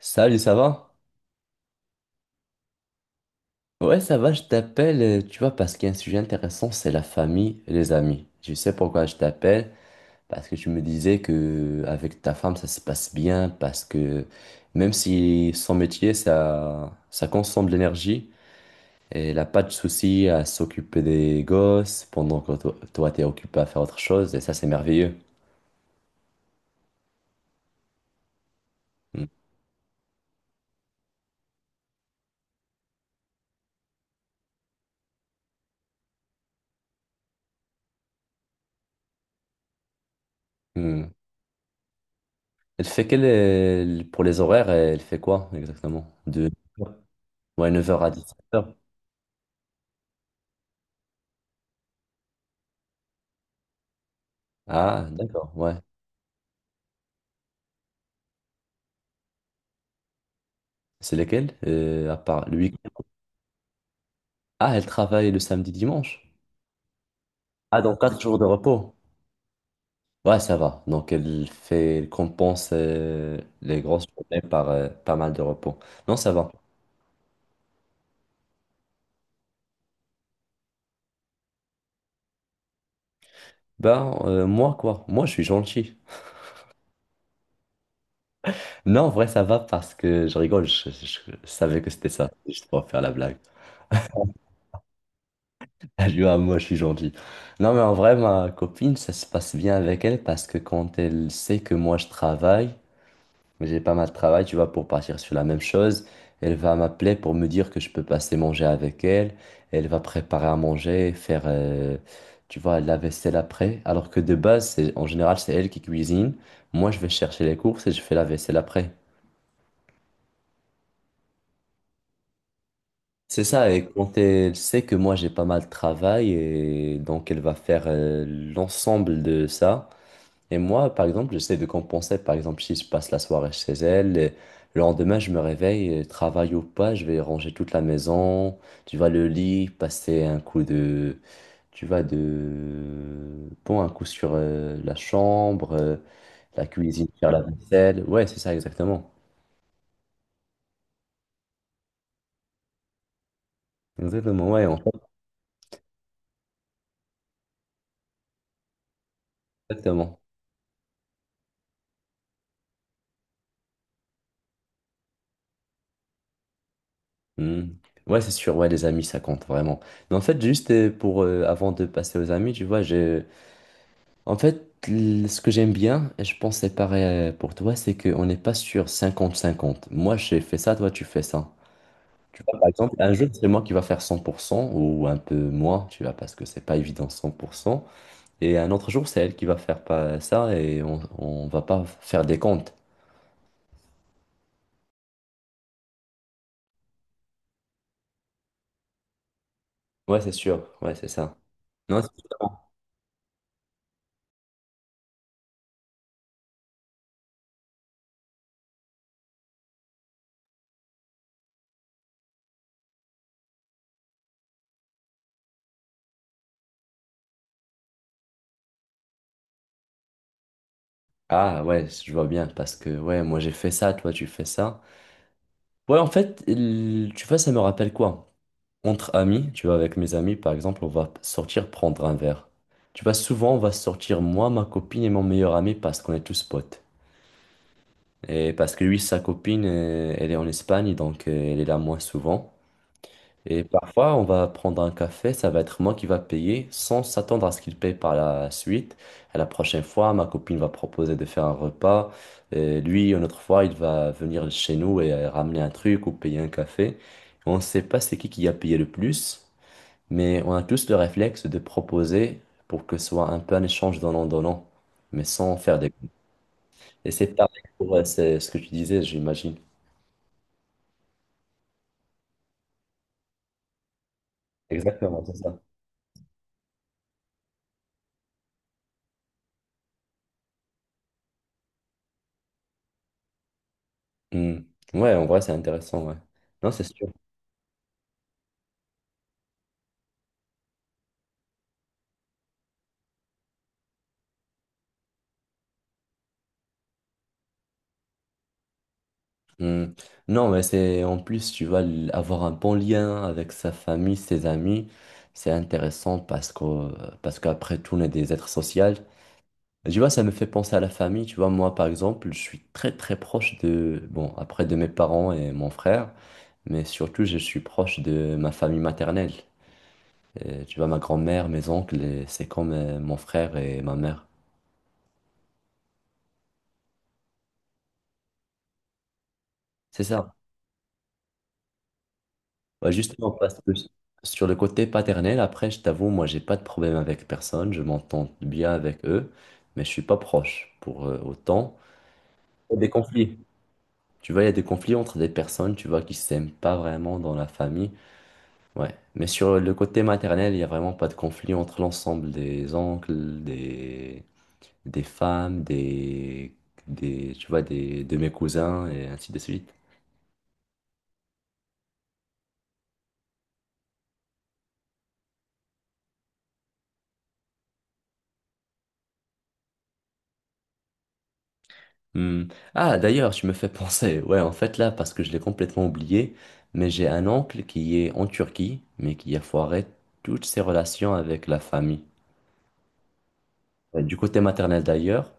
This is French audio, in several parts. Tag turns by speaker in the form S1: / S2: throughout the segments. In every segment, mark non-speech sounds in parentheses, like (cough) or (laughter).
S1: Salut, ça va? Ouais, ça va, je t'appelle, tu vois, parce qu'il y a un sujet intéressant, c'est la famille et les amis. Je sais pourquoi je t'appelle, parce que tu me disais que avec ta femme, ça se passe bien, parce que même si son métier, ça consomme de l'énergie, et elle n'a pas de souci à s'occuper des gosses pendant que toi, toi, t'es occupé à faire autre chose, et ça, c'est merveilleux. Mm. Mm. Elle fait pour les horaires, elle fait quoi exactement? De Ouais, neuf heures à 17 heures. Ah, d'accord, ouais. C'est lesquels, à part le week-end? Ah, elle travaille le samedi, dimanche. Ah, donc quatre jours de repos. Ouais, ça va. Donc, elle compense les grosses journées par pas mal de repos. Non, ça va. Ben, moi, quoi? Moi, je suis gentil. Non, en vrai, ça va parce que je rigole. Je savais que c'était ça. Je pour faire la blague. (laughs) Je dis, ah, moi, je suis gentil. Non, mais en vrai, ma copine, ça se passe bien avec elle parce que quand elle sait que moi, je travaille, mais j'ai pas mal de travail, tu vois, pour partir sur la même chose. Elle va m'appeler pour me dire que je peux passer manger avec elle. Elle va préparer à manger, faire, tu vois, la vaisselle après. Alors que de base, en général, c'est elle qui cuisine. Moi, je vais chercher les courses et je fais la vaisselle après. C'est ça, et quand elle sait que moi j'ai pas mal de travail, et donc elle va faire l'ensemble de ça. Et moi, par exemple, j'essaie de compenser. Par exemple, si je passe la soirée chez elle, et le lendemain, je me réveille, et travail ou pas, je vais ranger toute la maison, tu vois, le lit, passer un coup de, tu vois, de, bon, un coup sur la chambre, la cuisine, faire la vaisselle. Ouais, c'est ça, exactement. Exactement, ouais, en fait, exactement. Hmm. Ouais, c'est sûr, ouais, les amis, ça compte vraiment. Mais en fait, juste pour, avant de passer aux amis, tu vois, j'ai. En fait, ce que j'aime bien, et je pense que c'est pareil pour toi, c'est qu'on n'est pas sur cinquante-cinquante. Moi, j'ai fait ça, toi, tu fais ça. Tu vois, par exemple, un jour, c'est moi qui va faire 100% ou un peu moins, tu vois, parce que c'est pas évident 100%. Et un autre jour, c'est elle qui va faire pas ça et on va pas faire des comptes. Ouais, c'est sûr. Ouais, c'est ça. Non, c'est différent. Ah ouais, je vois bien parce que ouais, moi j'ai fait ça, toi tu fais ça. Ouais, en fait, tu vois, ça me rappelle quoi? Entre amis, tu vois, avec mes amis, par exemple, on va sortir prendre un verre. Tu vois, souvent, on va sortir moi, ma copine et mon meilleur ami parce qu'on est tous potes. Et parce que lui, sa copine, elle est en Espagne, donc elle est là moins souvent. Et parfois, on va prendre un café, ça va être moi qui va payer sans s'attendre à ce qu'il paye par la suite. À la prochaine fois, ma copine va proposer de faire un repas. Et lui, une autre fois, il va venir chez nous et ramener un truc ou payer un café. On ne sait pas c'est qui a payé le plus. Mais on a tous le réflexe de proposer pour que ce soit un peu un échange donnant-donnant, mais sans faire des. Et c'est pareil pour c'est ce que tu disais, j'imagine. Exactement, c'est ça. Hmm. Ouais, en vrai, c'est intéressant, ouais. Non, c'est sûr. Hmm. Non, mais c'est en plus, tu vas avoir un bon lien avec sa famille, ses amis. C'est intéressant parce qu'après tout, on est des êtres sociaux. Tu vois, ça me fait penser à la famille. Tu vois, moi, par exemple, je suis très, très proche de, bon, après de mes parents et mon frère, mais surtout, je suis proche de ma famille maternelle. Tu vois, ma grand-mère, mes oncles, et c'est comme mon frère et ma mère. C'est ça. Ouais, justement, parce que sur le côté paternel, après, je t'avoue, moi, j'ai pas de problème avec personne. Je m'entends bien avec eux, mais je suis pas proche pour autant. Il y a des conflits. Tu vois, il y a des conflits entre des personnes, tu vois, qui s'aiment pas vraiment dans la famille. Ouais. Mais sur le côté maternel, il n'y a vraiment pas de conflit entre l'ensemble des oncles, des femmes, tu vois, de mes cousins et ainsi de suite. Hmm. Ah, d'ailleurs, tu me fais penser. Ouais, en fait, là, parce que je l'ai complètement oublié, mais j'ai un oncle qui est en Turquie, mais qui a foiré toutes ses relations avec la famille. Du côté maternel d'ailleurs,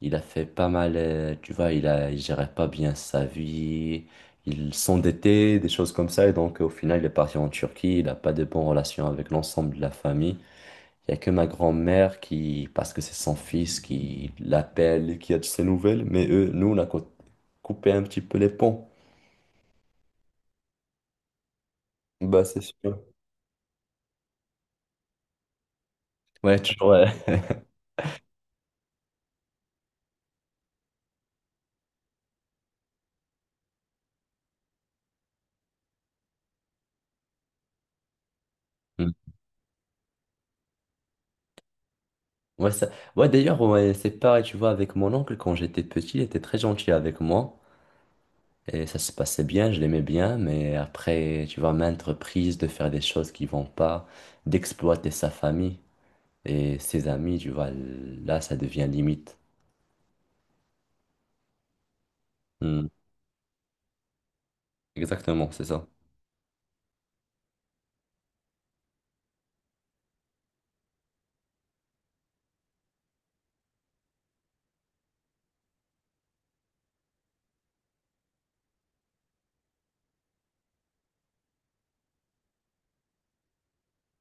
S1: il a fait pas mal, tu vois, il gérait pas bien sa vie, il s'endettait, des choses comme ça, et donc au final il est parti en Turquie, il n'a pas de bonnes relations avec l'ensemble de la famille. Il n'y a que ma grand-mère qui, parce que c'est son fils, qui l'appelle, qui a de ses nouvelles, mais eux, nous, on a coupé un petit peu les ponts. Bah c'est sûr. Ouais, toujours. Ouais. Mm. Ouais, ouais, d'ailleurs, ouais, c'est pareil, tu vois, avec mon oncle, quand j'étais petit, il était très gentil avec moi. Et ça se passait bien, je l'aimais bien, mais après, tu vois, maintes reprises de faire des choses qui vont pas, d'exploiter sa famille et ses amis, tu vois, là, ça devient limite. Hmm. Exactement, c'est ça.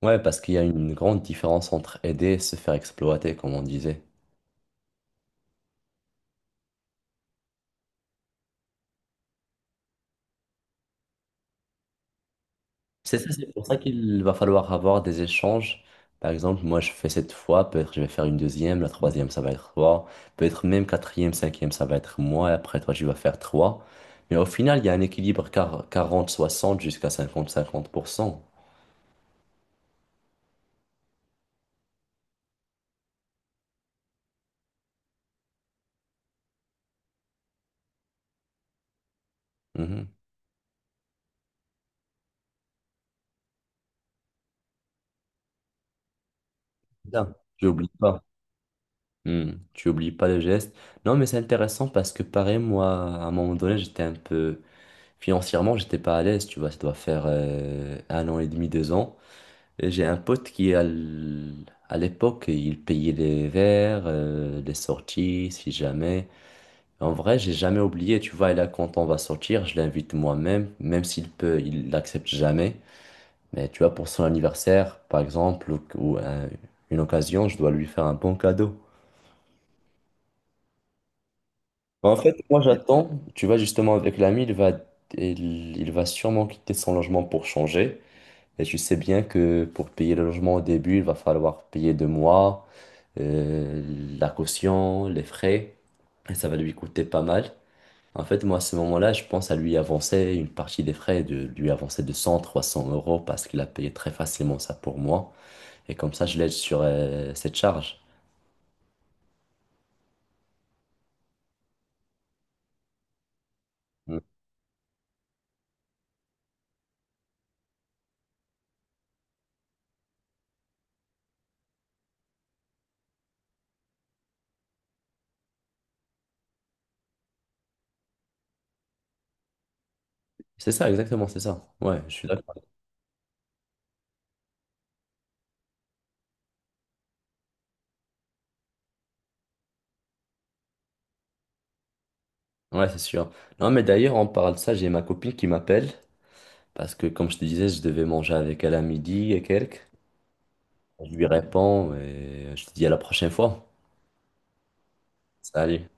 S1: Ouais, parce qu'il y a une grande différence entre aider et se faire exploiter, comme on disait. C'est ça, c'est pour ça qu'il va falloir avoir des échanges. Par exemple, moi, je fais cette fois, peut-être je vais faire une deuxième, la troisième, ça va être toi, peut-être même quatrième, cinquième, ça va être moi, et après toi, tu vas faire trois. Mais au final, il y a un équilibre 40-60 jusqu'à 50-50%. Mhm. Bien. Tu n'oublies pas. Hmm. Tu oublies pas le geste. Non, mais c'est intéressant parce que pareil, moi, à un moment donné, j'étais un peu. Financièrement, j'étais pas à l'aise, tu vois, ça doit faire un an et demi, deux ans. J'ai un pote qui, à l'époque, il payait les verres, les sorties, si jamais. En vrai, j'ai jamais oublié, tu vois, et là, quand on va sortir, je l'invite moi-même, même s'il peut, il l'accepte jamais. Mais tu vois, pour son anniversaire, par exemple, une occasion, je dois lui faire un bon cadeau. En fait, moi, j'attends, tu vois, justement, avec l'ami, il va sûrement quitter son logement pour changer. Et tu sais bien que pour payer le logement au début, il va falloir payer deux mois. La caution, les frais, et ça va lui coûter pas mal. En fait, moi, à ce moment-là, je pense à lui avancer une partie des frais, de lui avancer de 100, 300 € parce qu'il a payé très facilement ça pour moi. Et comme ça, je l'aide sur cette charge. Mm. C'est ça, exactement, c'est ça. Ouais, je suis d'accord. Ouais, c'est sûr. Non, mais d'ailleurs, on parle de ça, j'ai ma copine qui m'appelle parce que, comme je te disais, je devais manger avec elle à midi et quelques. Je lui réponds et je te dis à la prochaine fois. Salut.